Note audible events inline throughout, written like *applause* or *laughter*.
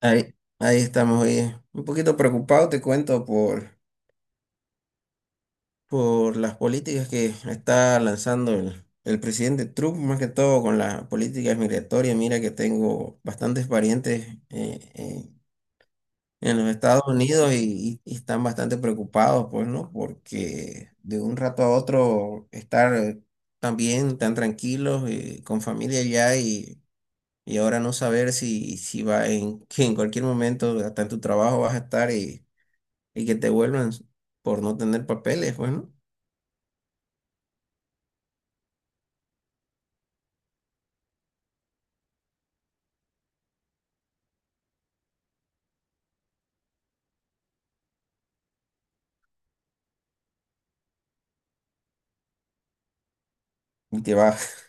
Ahí, ahí estamos, oye. Un poquito preocupado, te cuento, por las políticas que está lanzando el presidente Trump, más que todo con las políticas migratorias. Mira que tengo bastantes parientes en los Estados Unidos y están bastante preocupados, pues, ¿no? Porque de un rato a otro estar tan bien, tan tranquilos, con familia ya y ahora no saber si va en, *laughs* que en cualquier momento, hasta en tu trabajo vas a estar y que te vuelvan por no tener papeles, bueno, y te vas. *laughs*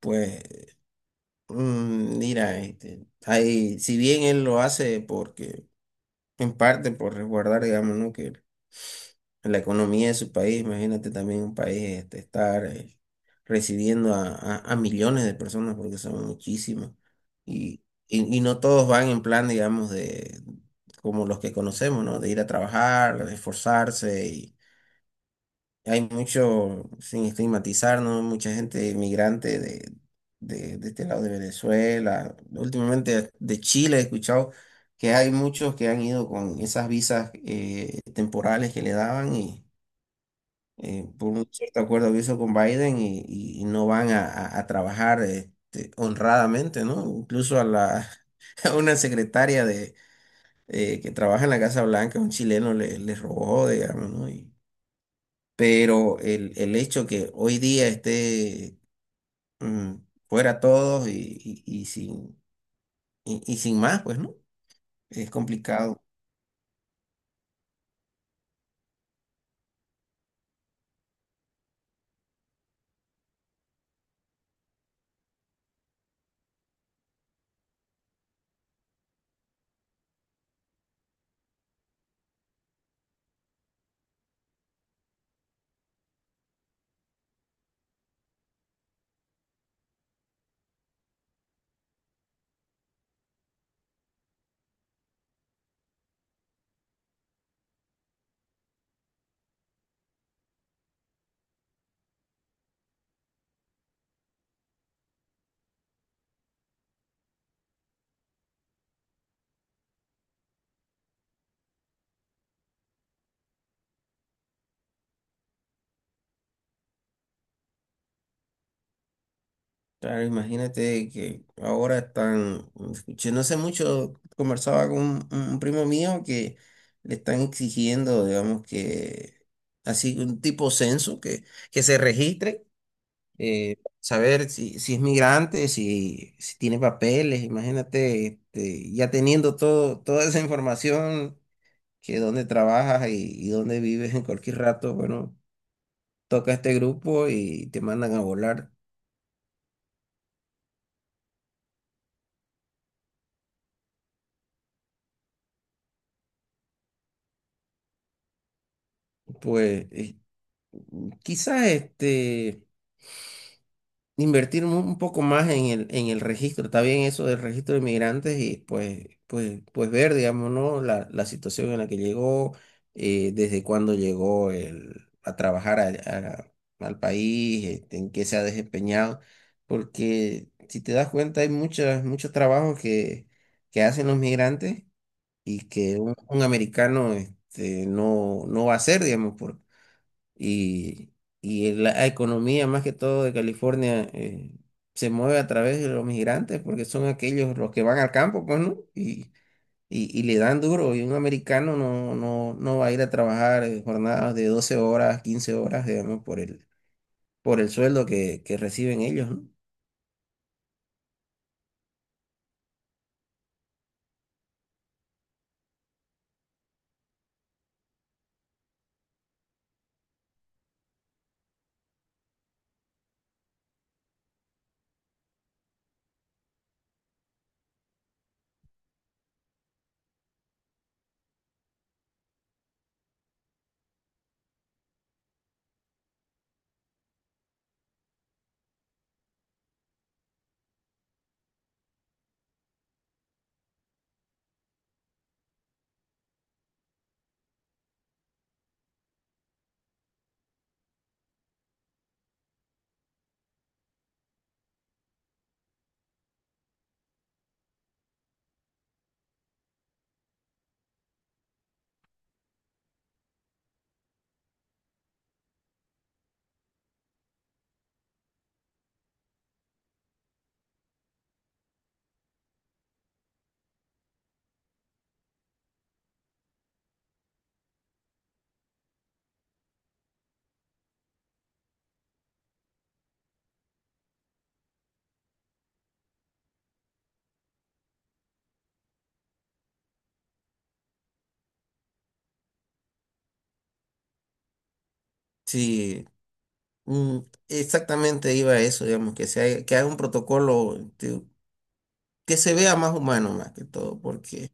Pues, mira, si bien él lo hace porque, en parte por resguardar, digamos, ¿no? Que la economía de su país, imagínate también un país estar recibiendo a millones de personas, porque son muchísimas, y no todos van en plan, digamos, de como los que conocemos, ¿no? De ir a trabajar, de esforzarse. Hay mucho, sin estigmatizar, ¿no? Mucha gente inmigrante de este lado de Venezuela. Últimamente de Chile he escuchado que hay muchos que han ido con esas visas temporales que le daban y por un cierto acuerdo que hizo con Biden y no van a trabajar honradamente, ¿no? Incluso a la *laughs* a una secretaria de que trabaja en la Casa Blanca, un chileno le robó, digamos, ¿no? Y, pero el hecho que hoy día esté mm, fuera todos y sin más, pues no, es complicado. Claro, imagínate que ahora están, yo no sé mucho, conversaba con un primo mío que le están exigiendo, digamos, que así un tipo censo, que se registre saber si, si es migrante, si, si tiene papeles, imagínate, ya teniendo todo, toda esa información, que dónde trabajas y dónde vives en cualquier rato, bueno, toca este grupo y te mandan a volar. Pues quizás este... Invertir un poco más en el registro. Está bien eso del registro de migrantes y pues, pues, pues ver, digamos, ¿no? La situación en la que llegó, desde cuándo llegó a trabajar a- al país, en qué se ha desempeñado. Porque si te das cuenta, hay muchos trabajos que hacen los migrantes y que un americano no, no va a hacer, digamos, y, y la economía más que todo de California se mueve a través de los migrantes porque son aquellos los que van al campo, pues, ¿no? Y le dan duro y un americano no, no, no va a ir a trabajar jornadas de 12 horas, 15 horas, digamos, por el sueldo que reciben ellos, ¿no? Sí, mm, exactamente iba a eso, digamos, que, que haya un protocolo que se vea más humano más que todo, porque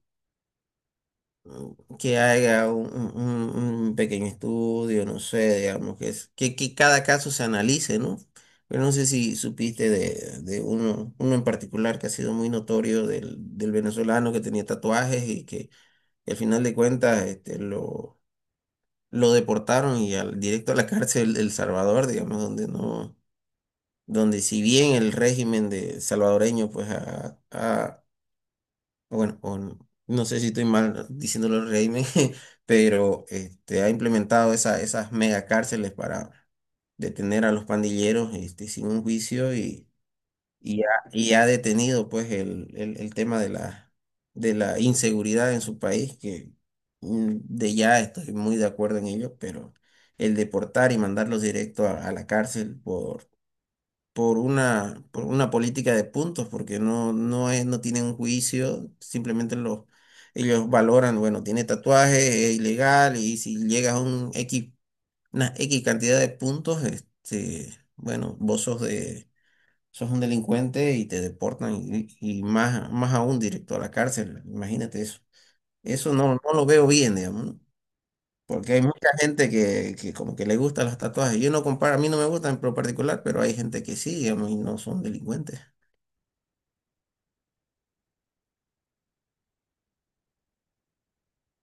que haga un, un pequeño estudio, no sé, digamos, que cada caso se analice, ¿no? Pero no sé si supiste de uno, uno en particular que ha sido muy notorio del venezolano que tenía tatuajes y que al final de cuentas lo deportaron y al, directo a la *laughs* cárcel de El Salvador, digamos, donde no, donde si bien el régimen de salvadoreño pues bueno, no sé si estoy mal diciéndolo el régimen, *laughs* pero ha implementado esas mega cárceles para detener a los pandilleros sin un juicio y ha detenido pues el, el tema de la inseguridad en su país, que de ya estoy muy de acuerdo en ello, pero el deportar y mandarlos directo a la cárcel por por una política de puntos, porque no, no es, no tienen un juicio, simplemente ellos valoran, bueno, tiene tatuaje, es ilegal, y si llegas a un X, una X cantidad de puntos, bueno, sos un delincuente y te deportan, y más, más aún directo a la cárcel, imagínate eso. Eso no, no lo veo bien, digamos, ¿no? Porque hay mucha gente que como que le gustan los tatuajes. Yo no comparo, a mí no me gustan en lo particular, pero hay gente que sí, digamos, y no son delincuentes.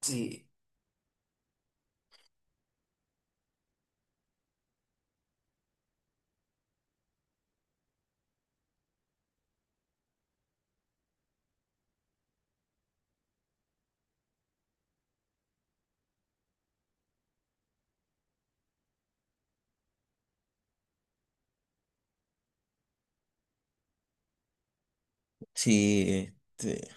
Sí, sí, este,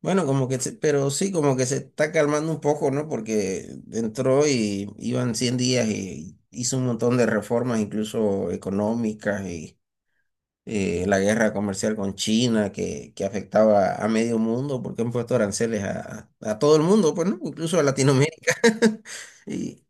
bueno, como que, pero sí, como que se está calmando un poco, ¿no? Porque entró y iban 100 días y hizo un montón de reformas, incluso económicas, y la guerra comercial con China que afectaba a medio mundo, porque han puesto aranceles a todo el mundo, pues, ¿no? Incluso a Latinoamérica. *laughs* y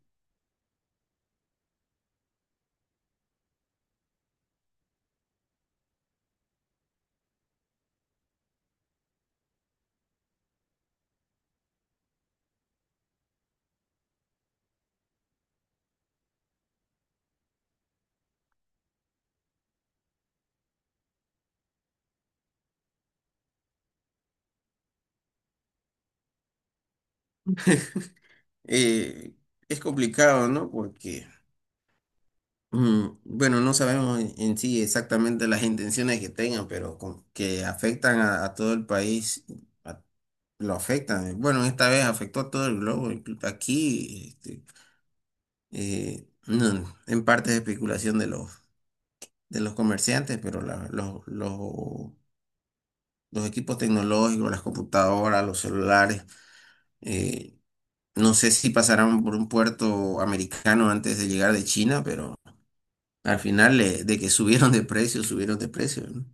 Eh, es complicado, ¿no? Porque, bueno, no sabemos en sí exactamente las intenciones que tengan, pero que afectan a todo el país, a- lo afectan. Bueno, esta vez afectó a todo el globo. Aquí, no, en parte es especulación de los comerciantes, pero los equipos tecnológicos, las computadoras, los celulares, eh, no sé si pasarán por un puerto americano antes de llegar de China, al final de que subieron de precio, ¿no?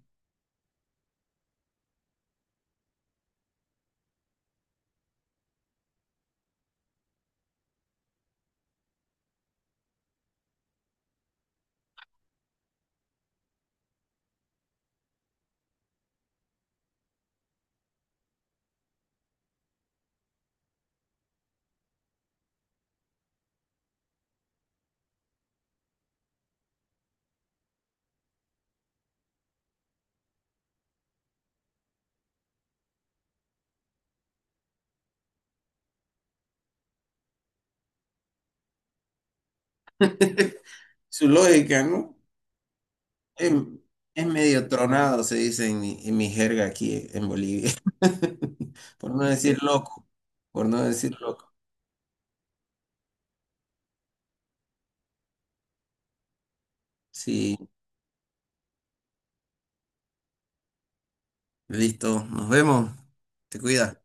*laughs* Su lógica, ¿no? Es, es medio tronado, se dice en mi jerga aquí en Bolivia. *laughs* Por no decir loco, por no decir loco. Sí, listo, nos vemos. Te cuidas.